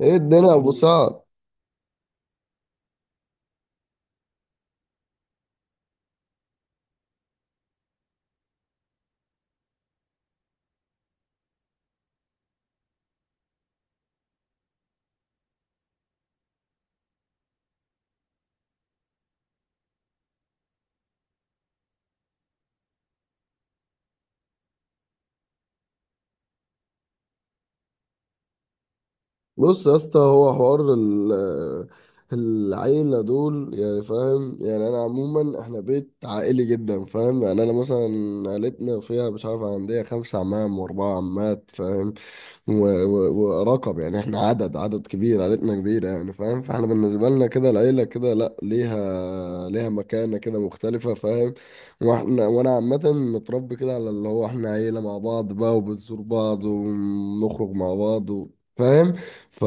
ايه الدنيا يا ابو سعد؟ بص يا اسطى، هو حوار العيلة دول، يعني فاهم، يعني انا عموما احنا بيت عائلي جدا، فاهم؟ يعني انا مثلا عيلتنا فيها، مش عارف، عندي خمسة عمام واربعة عمات، فاهم؟ و- و- ورقم، يعني احنا عدد، كبير، عائلتنا كبيرة يعني، فاهم؟ فاحنا بالنسبة لنا كده العيلة كده، لا، ليها، مكانة كده مختلفة، فاهم؟ واحنا وانا عامة متربي كده على اللي هو احنا عيلة مع بعض بقى، وبنزور بعض ونخرج مع بعض فاهم. ف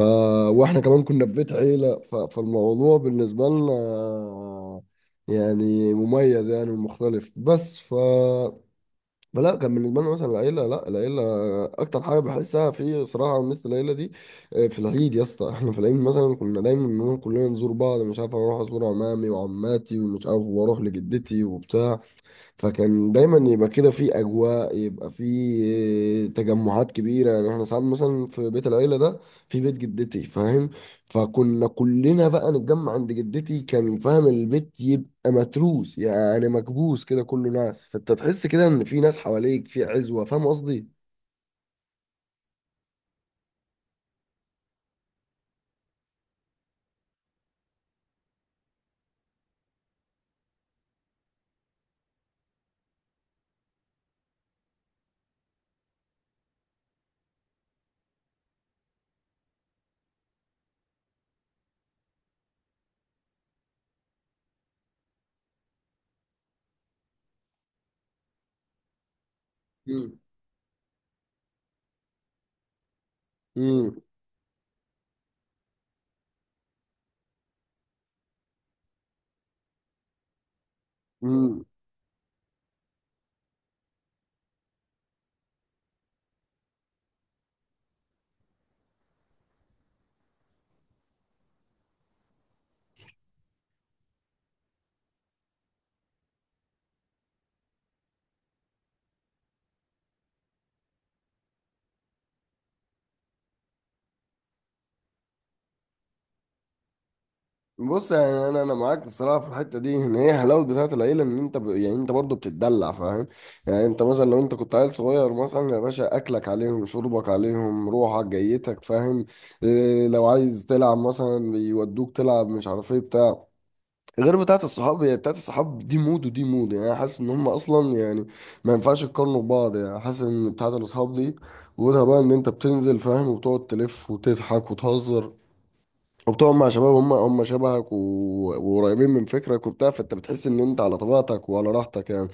واحنا كمان كنا في بيت عيلة، فالموضوع بالنسبة لنا يعني مميز، يعني ومختلف، بس فلا كان بالنسبه لنا مثلا العيله، لا، العيله اكتر حاجه بحسها في صراع، على مثل العيله دي. في العيد يا اسطى، احنا في العيد مثلا كنا دايما بنقول كلنا نزور بعض، مش عارف، اروح ازور عمامي وعماتي ومش عارف، واروح لجدتي وبتاع. فكان دايما يبقى كده في اجواء، يبقى في تجمعات كبيره. يعني احنا ساعات مثلا في بيت العيله ده، في بيت جدتي فاهم، فكنا كلنا بقى نتجمع عند جدتي، كان فاهم البيت يبقى متروس يعني، مكبوس كده كله ناس، فانت تحس كده ان في ناس حواليك، في عزوه، فاهم قصدي؟ امم امم بص، يعني انا معاك الصراحه في الحته دي، ان هي حلاوه بتاعه العيله، ان انت يعني انت برضه بتتدلع، فاهم؟ يعني انت مثلا لو انت كنت عيل صغير مثلا يا باشا، اكلك عليهم، شربك عليهم، روحك جيتك، فاهم؟ إيه، لو عايز تلعب مثلا بيودوك تلعب، مش عارف ايه، بتاع. غير بتاعه الصحاب، هي بتاعه الصحاب دي مود، ودي مود، يعني أنا حاسس ان هم اصلا يعني ما ينفعش يقارنوا ببعض. يعني حاسس ان بتاعه الاصحاب دي وجودها بقى ان انت بتنزل فاهم، وبتقعد تلف وتضحك وتهزر، وبتقعد مع شباب هم شبهك وقريبين من فكرك وبتاع، فانت بتحس ان انت على طبيعتك وعلى راحتك يعني.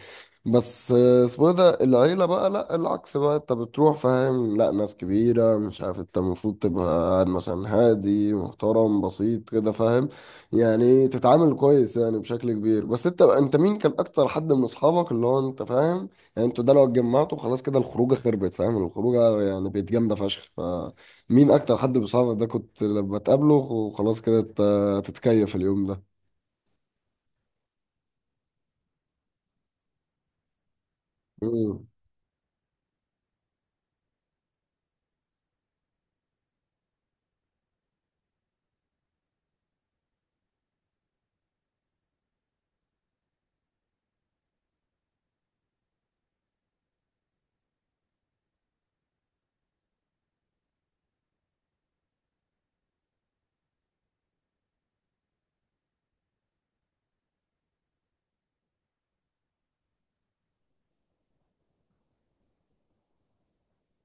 بس اسمه إيه ده، العيلة بقى لا، العكس بقى، انت بتروح فاهم لا ناس كبيرة، مش عارف، انت المفروض تبقى قاعد مثلا هادي محترم بسيط كده، فاهم؟ يعني تتعامل كويس يعني بشكل كبير. بس انت، مين كان اكتر حد من اصحابك اللي هو انت فاهم، يعني انتوا ده لو اتجمعتوا خلاص كده الخروجة خربت، فاهم؟ الخروجة يعني بقت جامدة فشخ. مين اكتر حد بصحابك ده كنت لما تقابله وخلاص كده تتكيف اليوم ده؟ امم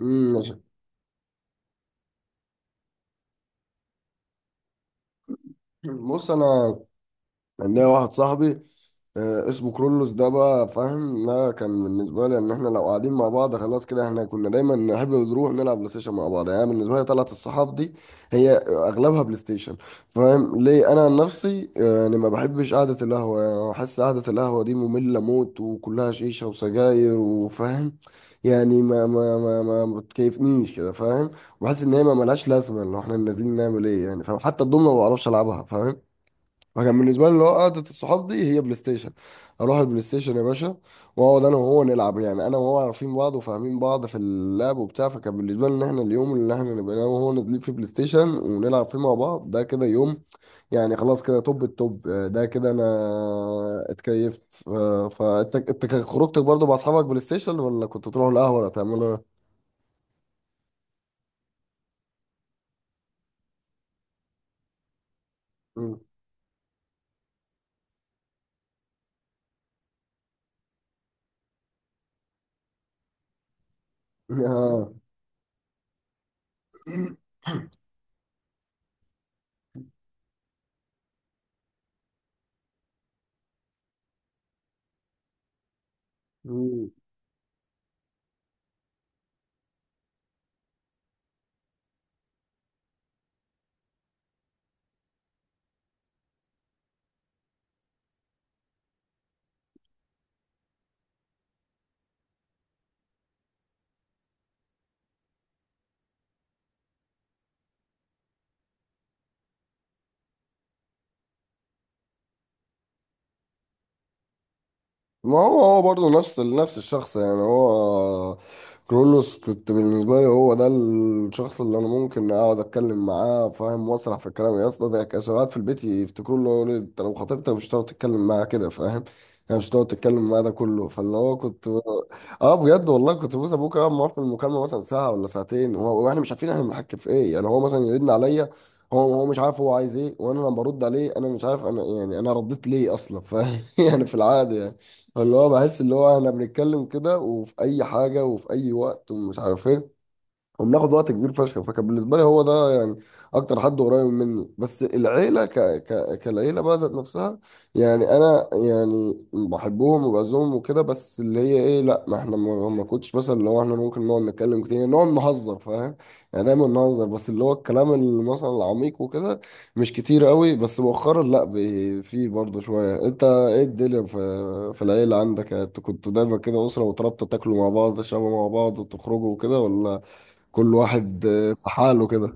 امم بص انا، عندنا واحد صاحبي اسمه كرولوس، ده بقى فاهم، ده كان بالنسبة لي ان احنا لو قاعدين مع بعض خلاص كده، احنا كنا دايما نحب نروح نلعب بلاي ستيشن مع بعض. يعني بالنسبة لي طلعت الصحاب دي، هي اغلبها بلاي ستيشن، فاهم ليه؟ انا عن نفسي، يعني ما بحبش قعدة القهوة. يعني أنا بحس قعدة القهوة دي مملة موت، وكلها شيشة وسجاير، وفاهم يعني، ما بتكيفنيش كده، فاهم؟ بحس ان هي ما ملهاش لازمة، ان احنا نازلين نعمل ايه يعني، فاهم؟ حتى الضمنة ما بعرفش العبها، فاهم؟ فكان بالنسبه لي اللي هو قعده الصحاب دي هي بلاي ستيشن، اروح البلاي ستيشن يا باشا، واقعد انا وهو نلعب. يعني انا وهو عارفين بعض، وفاهمين بعض في اللعب وبتاع، فكان بالنسبه لي ان احنا اليوم اللي احنا نبقى انا وهو نازلين فيه بلاي ستيشن، ونلعب فيه مع بعض، ده كده يوم يعني. خلاص كده توب التوب، ده كده انا اتكيفت. فانت، انت كان خروجتك برضو مع اصحابك بلاي ستيشن، ولا كنت تروح القهوه، ولا تعملوا ايه؟ مم. آه. ما هو برضه نفس الشخص، يعني هو كرولوس كنت بالنسبة لي، هو ده الشخص اللي أنا ممكن أقعد أتكلم معاه فاهم، وأسرح في الكلام يا اسطى. ده كان ساعات في البيت يفتكروا له، يقولوا لي أنت لو خطيبتك مش هتقعد تتكلم معاها كده، فاهم يعني، مش هتقعد تتكلم معاه ده كله. فاللي هو كنت، اه، بجد والله كنت بوس ابوك اقعد معاه في المكالمه مثلا ساعه ولا ساعتين، واحنا مش عارفين احنا بنحكي في ايه. يعني هو مثلا يرن عليا، هو مش عارف هو عايز ايه، وانا لما برد عليه انا مش عارف انا، يعني انا رديت ليه اصلا، فاهم؟ يعني في العادي، يعني اللي هو بحس اللي هو احنا بنتكلم كده، وفي اي حاجه، وفي اي وقت، ومش عارف ايه، وبناخد وقت كبير فشخ. فكان بالنسبه لي هو ده يعني اكتر حد قريب مني. بس العيله كالعيله بقى ذات نفسها، يعني انا يعني بحبهم وبعزهم وكده، بس اللي هي ايه، لا، ما احنا ما كنتش مثلا، لو احنا ممكن نقعد نتكلم كتير، يعني نقعد نهزر، فاهم؟ يعني دايما نهزر، بس اللي هو الكلام اللي مثلا العميق وكده مش كتير قوي. بس مؤخرا لا، في برضه شويه. انت ايه الدنيا، في العيله عندك، انتوا كنتوا دايما كده اسره وترابطه، تاكلوا مع بعض، تشربوا مع بعض، وتخرجوا وكده، ولا كل واحد في حاله كده؟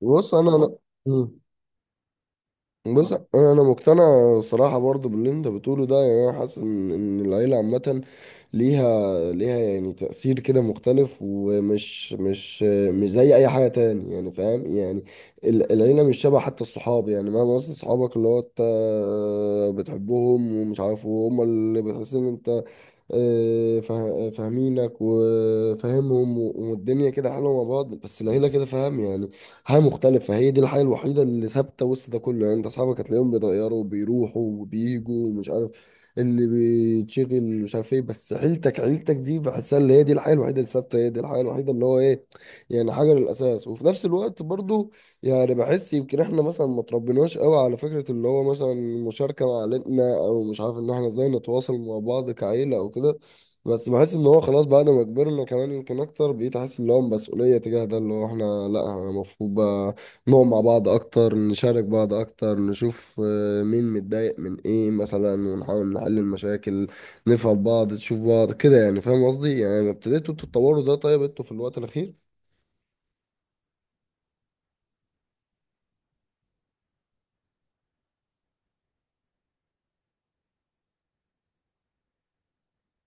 بص انا، مم. بص انا، مقتنع صراحه برضو باللي انت بتقوله ده، يعني انا حاسس ان العيله عامه ليها، يعني تأثير كده مختلف، ومش مش زي أي حاجة تاني، يعني فاهم يعني، العيلة مش شبه حتى الصحاب. يعني مهما وصل صحابك اللي هو أنت بتحبهم ومش عارف، وهم اللي بتحس إن أنت فاهمينك وفاهمهم، والدنيا كده حلوه مع بعض. بس العيله كده فاهم يعني حاجه مختلفه، فهي دي الحاجه الوحيده اللي ثابته وسط ده كله. يعني انت اصحابك هتلاقيهم بيتغيروا وبيروحوا وبييجوا، ومش عارف اللي بيتشغل مش عارف ايه، بس عيلتك، دي بحسها اللي هي دي الحاجه الوحيده اللي ثابته، هي دي الحاجه الوحيده اللي هو ايه، يعني حاجه للاساس. وفي نفس الوقت برضو، يعني بحس يمكن احنا مثلا ما تربيناش قوي على فكرة اللي هو مثلا المشاركة مع عيلتنا، او مش عارف، ان احنا ازاي نتواصل مع بعض كعيلة او كده. بس بحس ان هو خلاص بعد ما كبرنا كمان، يمكن اكتر بقيت احس ان هو مسؤولية تجاه ده، اللي هو احنا لا، احنا المفروض بقى نقعد مع بعض اكتر، نشارك بعض اكتر، نشوف مين متضايق من ايه مثلا، ونحاول نحل المشاكل، نفهم بعض، تشوف بعض كده، يعني فاهم قصدي؟ يعني ابتديتوا تتطوروا ده، طيب، انتوا في الوقت الاخير؟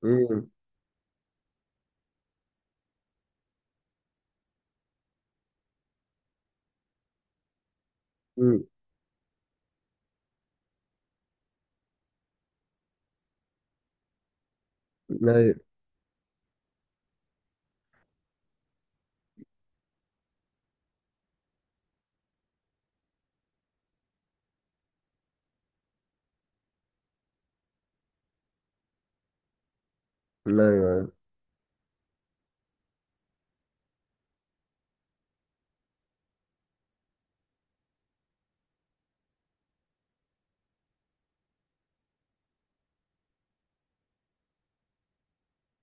امم امم لا، لا،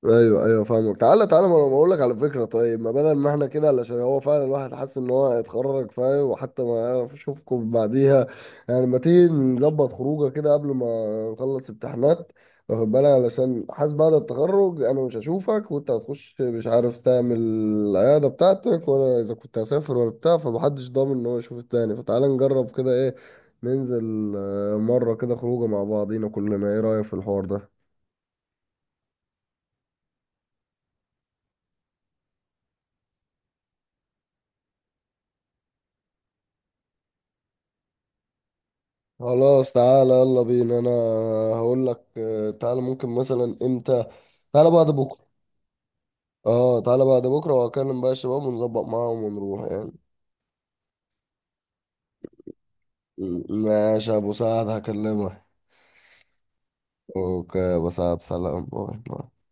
ايوه، ايوه، فاهمك. تعالى، تعالى، ما انا بقول لك على فكره. طيب، ما بدل ما احنا كده، علشان هو فعلا الواحد حاسس ان هو هيتخرج فاهم، وحتى ما يعرف يشوفكم بعديها، يعني ما تيجي نظبط خروجه كده قبل ما نخلص امتحانات، واخد بالك؟ علشان حاسس بعد التخرج انا مش هشوفك، وانت هتخش مش عارف تعمل العياده بتاعتك، ولا اذا كنت هسافر، ولا بتاع، فمحدش ضامن ان هو يشوف التاني. فتعالى نجرب كده، ايه، ننزل مره كده خروجه مع بعضينا كلنا، ايه رايك في الحوار ده؟ خلاص، تعالى يلا بينا. انا هقول لك، تعالى ممكن مثلا امتى، تعالى بعد بكره. اه، تعالى بعد بكره، وهكلم بقى الشباب ونظبط معاهم ونروح يعني. ماشي يا ابو سعد، هكلمك. اوكي يا ابو سعد، سلام، باي باي.